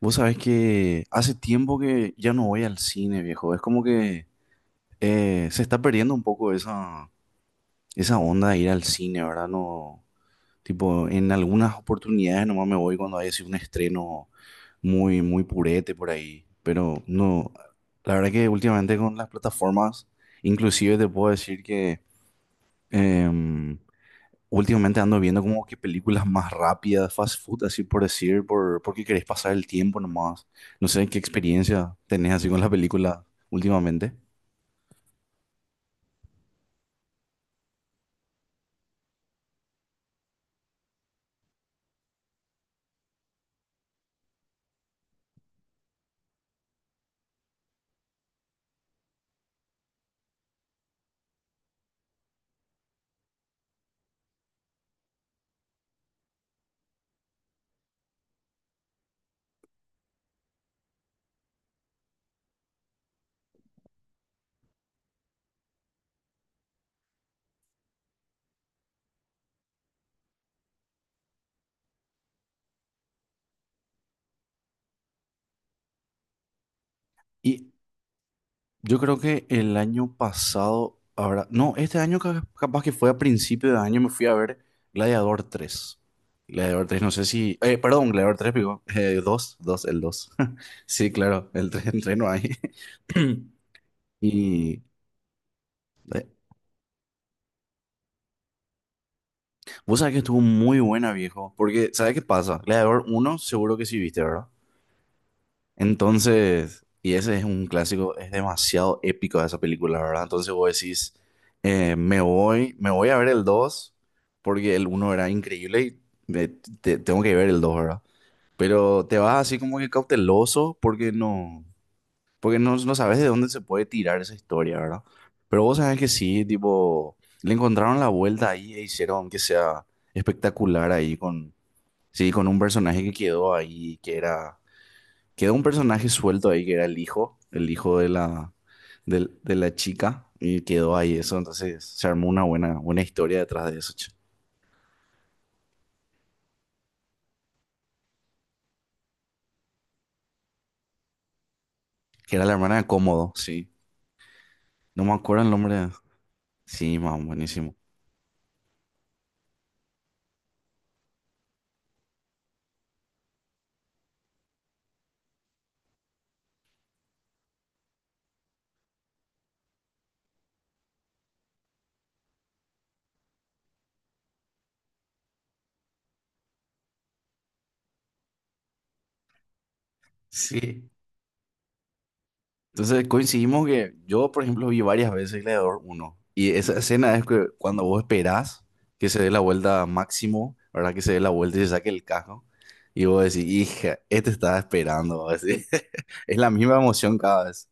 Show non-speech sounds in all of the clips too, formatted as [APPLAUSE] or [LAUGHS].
Vos sabés que hace tiempo que ya no voy al cine, viejo. Es como que se está perdiendo un poco esa onda de ir al cine, ¿verdad? No, tipo, en algunas oportunidades nomás me voy cuando hay así un estreno muy, muy purete por ahí. Pero no, la verdad que últimamente con las plataformas, inclusive te puedo decir que em, últimamente ando viendo como que películas más rápidas, fast food, así por decir, porque querés pasar el tiempo nomás. No sé qué experiencia tenés así con la película últimamente. Y yo creo que el año pasado, ahora, no, este año capaz que fue a principio de año, me fui a ver Gladiador tres. Gladiador tres no sé si... perdón, Gladiador tres digo, dos, 2, el dos. [LAUGHS] Sí, claro, el tres, el 3 no hay. [CLEARS THROAT] Y... eh, vos sabés que estuvo muy buena, viejo. Porque, ¿sabés qué pasa? Gladiador uno, seguro que sí viste, ¿verdad? Entonces, y ese es un clásico, es demasiado épico esa película, ¿verdad? Entonces vos decís, me voy a ver el 2, porque el uno era increíble y tengo que ver el 2, ¿verdad? Pero te vas así como que cauteloso, porque no. Porque no, no sabes de dónde se puede tirar esa historia, ¿verdad? Pero vos sabés que sí, tipo, le encontraron la vuelta ahí e hicieron que sea espectacular ahí con, sí, con un personaje que quedó ahí, que era, quedó un personaje suelto ahí, que era el hijo de la chica, y quedó ahí eso, entonces se armó una buena, buena historia detrás de eso, che. Que era la hermana de Cómodo, sí. No me acuerdo el nombre. Sí, man, buenísimo. Sí. Entonces coincidimos que yo, por ejemplo, vi varias veces Gladiador uno y esa escena es que cuando vos esperás que se dé la vuelta a Máximo, ¿verdad? Que se dé la vuelta y se saque el casco y vos decís, hija, este estaba esperando así. [LAUGHS] Es la misma emoción cada vez.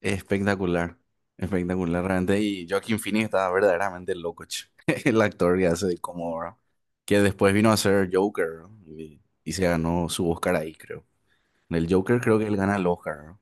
Es espectacular, espectacular realmente. Y Joaquin Phoenix estaba verdaderamente loco, che. [LAUGHS] El actor que hace de Comodoro, que después vino a ser Joker, ¿no? Y se ganó su Oscar ahí, creo. En el Joker creo que él gana el Oscar, ¿no?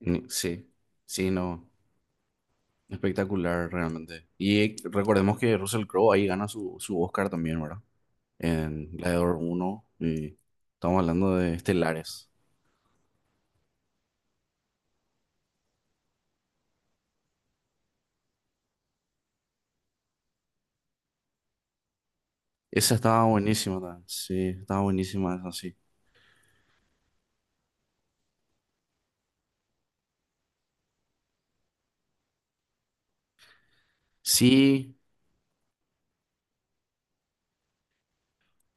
Sí, sí, no. Espectacular realmente. Y recordemos que Russell Crowe ahí gana su Oscar también, ¿verdad? En Gladiador uno. Y estamos hablando de estelares. Esa estaba buenísima también. Sí, estaba buenísima esa, sí. Sí,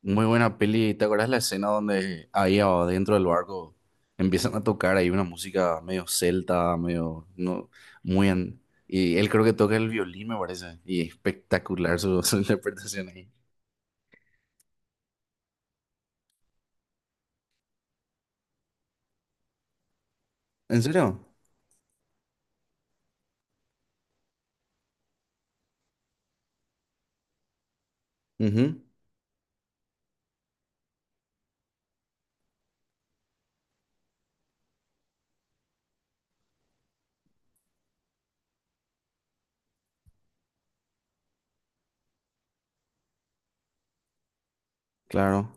muy buena peli. ¿Te acuerdas la escena donde ahí adentro del barco empiezan a tocar ahí una música medio celta, medio... No, muy... y él creo que toca el violín, me parece. Y espectacular [LAUGHS] su interpretación ahí. ¿En serio? Ujú, claro.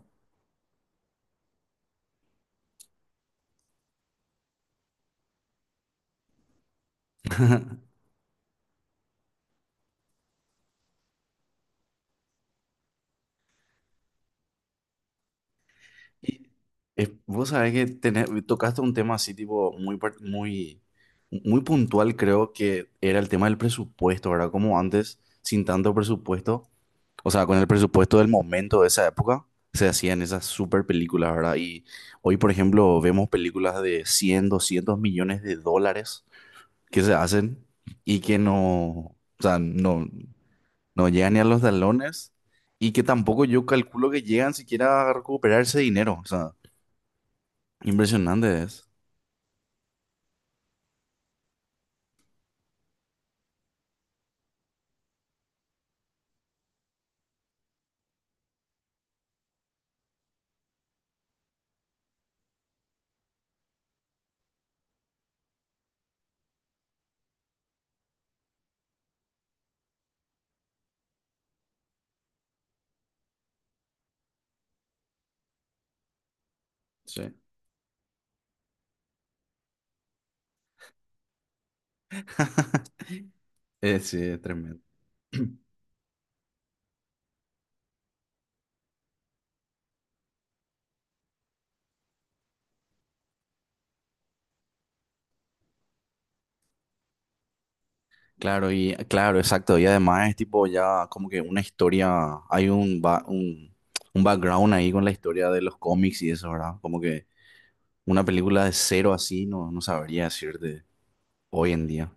[LAUGHS] Y vos sabés que tocaste un tema así, tipo, muy, muy, muy puntual, creo que era el tema del presupuesto, ¿verdad? Como antes, sin tanto presupuesto, o sea, con el presupuesto del momento de esa época, se hacían esas super películas, ¿verdad? Y hoy, por ejemplo, vemos películas de 100, 200 millones de dólares que se hacen y que no, o sea, no. No llegan ni a los talones y que tampoco yo calculo que llegan siquiera a recuperar ese dinero. O sea, impresionante es. Sí. [LAUGHS] Sí, es tremendo. [CLEARS THROAT] Claro, y claro, exacto. Y además es tipo ya como que una historia, hay un, ba- un background ahí con la historia de los cómics y eso, ¿verdad? Como que una película de cero así no, no sabría decirte hoy en día.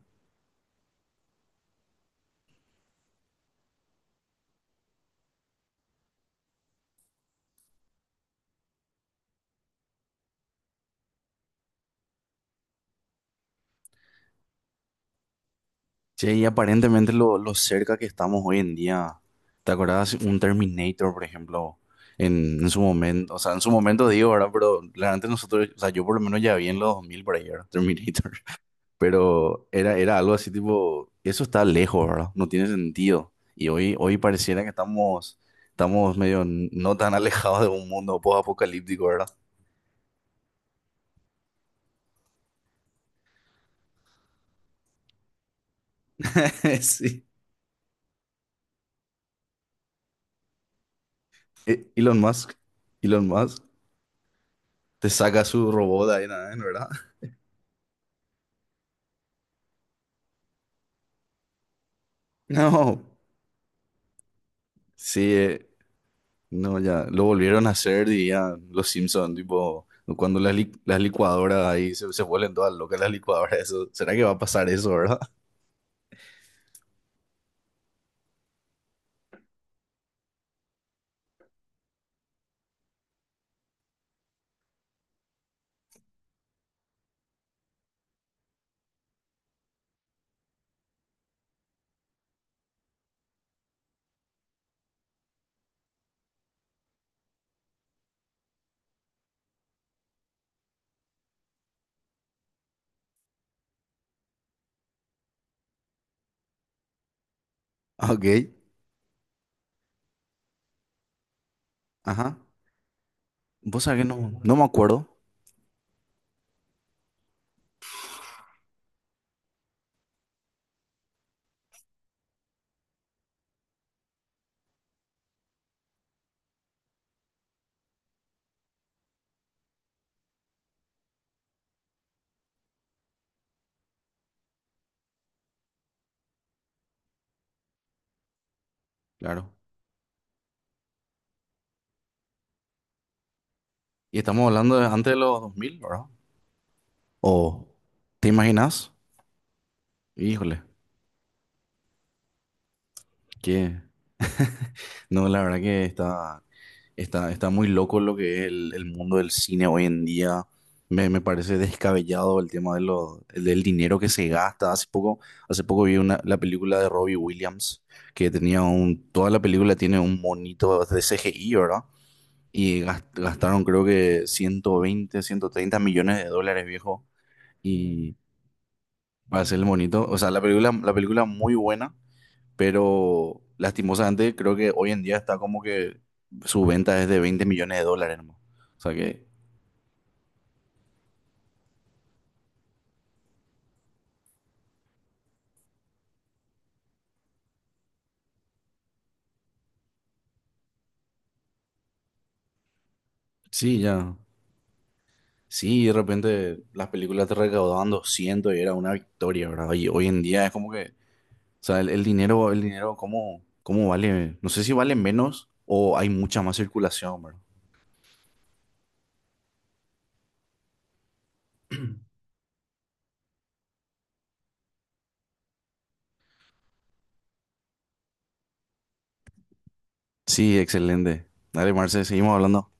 Che, y aparentemente lo cerca que estamos hoy en día. ¿Te acordás un Terminator, por ejemplo? En su momento, o sea, en su momento digo, ¿verdad? Pero realmente nosotros, o sea, yo por lo menos ya vi en los 2000 por ahí, ¿verdad? Terminator. [LAUGHS] Pero era, era algo así tipo, eso está lejos, ¿verdad? No tiene sentido. Y hoy, hoy pareciera que estamos, estamos medio no tan [LAUGHS] alejados de un mundo post-apocalíptico, ¿verdad? [LAUGHS] Sí. Elon Musk, Elon Musk, te saca su robot ahí, ¿verdad? [LAUGHS] No. Sí, no, ya, lo volvieron a hacer, diría los Simpsons, tipo, cuando las licuadoras ahí se vuelven todas locas las licuadoras, eso, ¿será que va a pasar eso, verdad? [LAUGHS] Ah, ok, ajá, vos sabés que no, no me acuerdo, claro, y estamos hablando de antes de los 2000, ¿verdad? ¿O te imaginas? Híjole, ¿qué? No, la verdad que está, está, está muy loco lo que es el mundo del cine hoy en día. Me parece descabellado el tema de lo, el del dinero que se gasta. Hace poco vi una, la película de Robbie Williams, que tenía un, toda la película tiene un monito de CGI, ¿verdad? Y gastaron creo que 120, 130 millones de dólares, viejo. Y para hacer el monito, o sea, la película muy buena, pero lastimosamente creo que hoy en día está como que su venta es de 20 millones de dólares, nomás. O sea que sí, ya. Sí, de repente las películas te recaudaban 200 y era una victoria, ¿verdad? Y hoy en día es como que, o sea, el dinero, ¿cómo, cómo vale? No sé si vale menos o hay mucha más circulación, ¿verdad? Sí, excelente. Dale, Marce, seguimos hablando.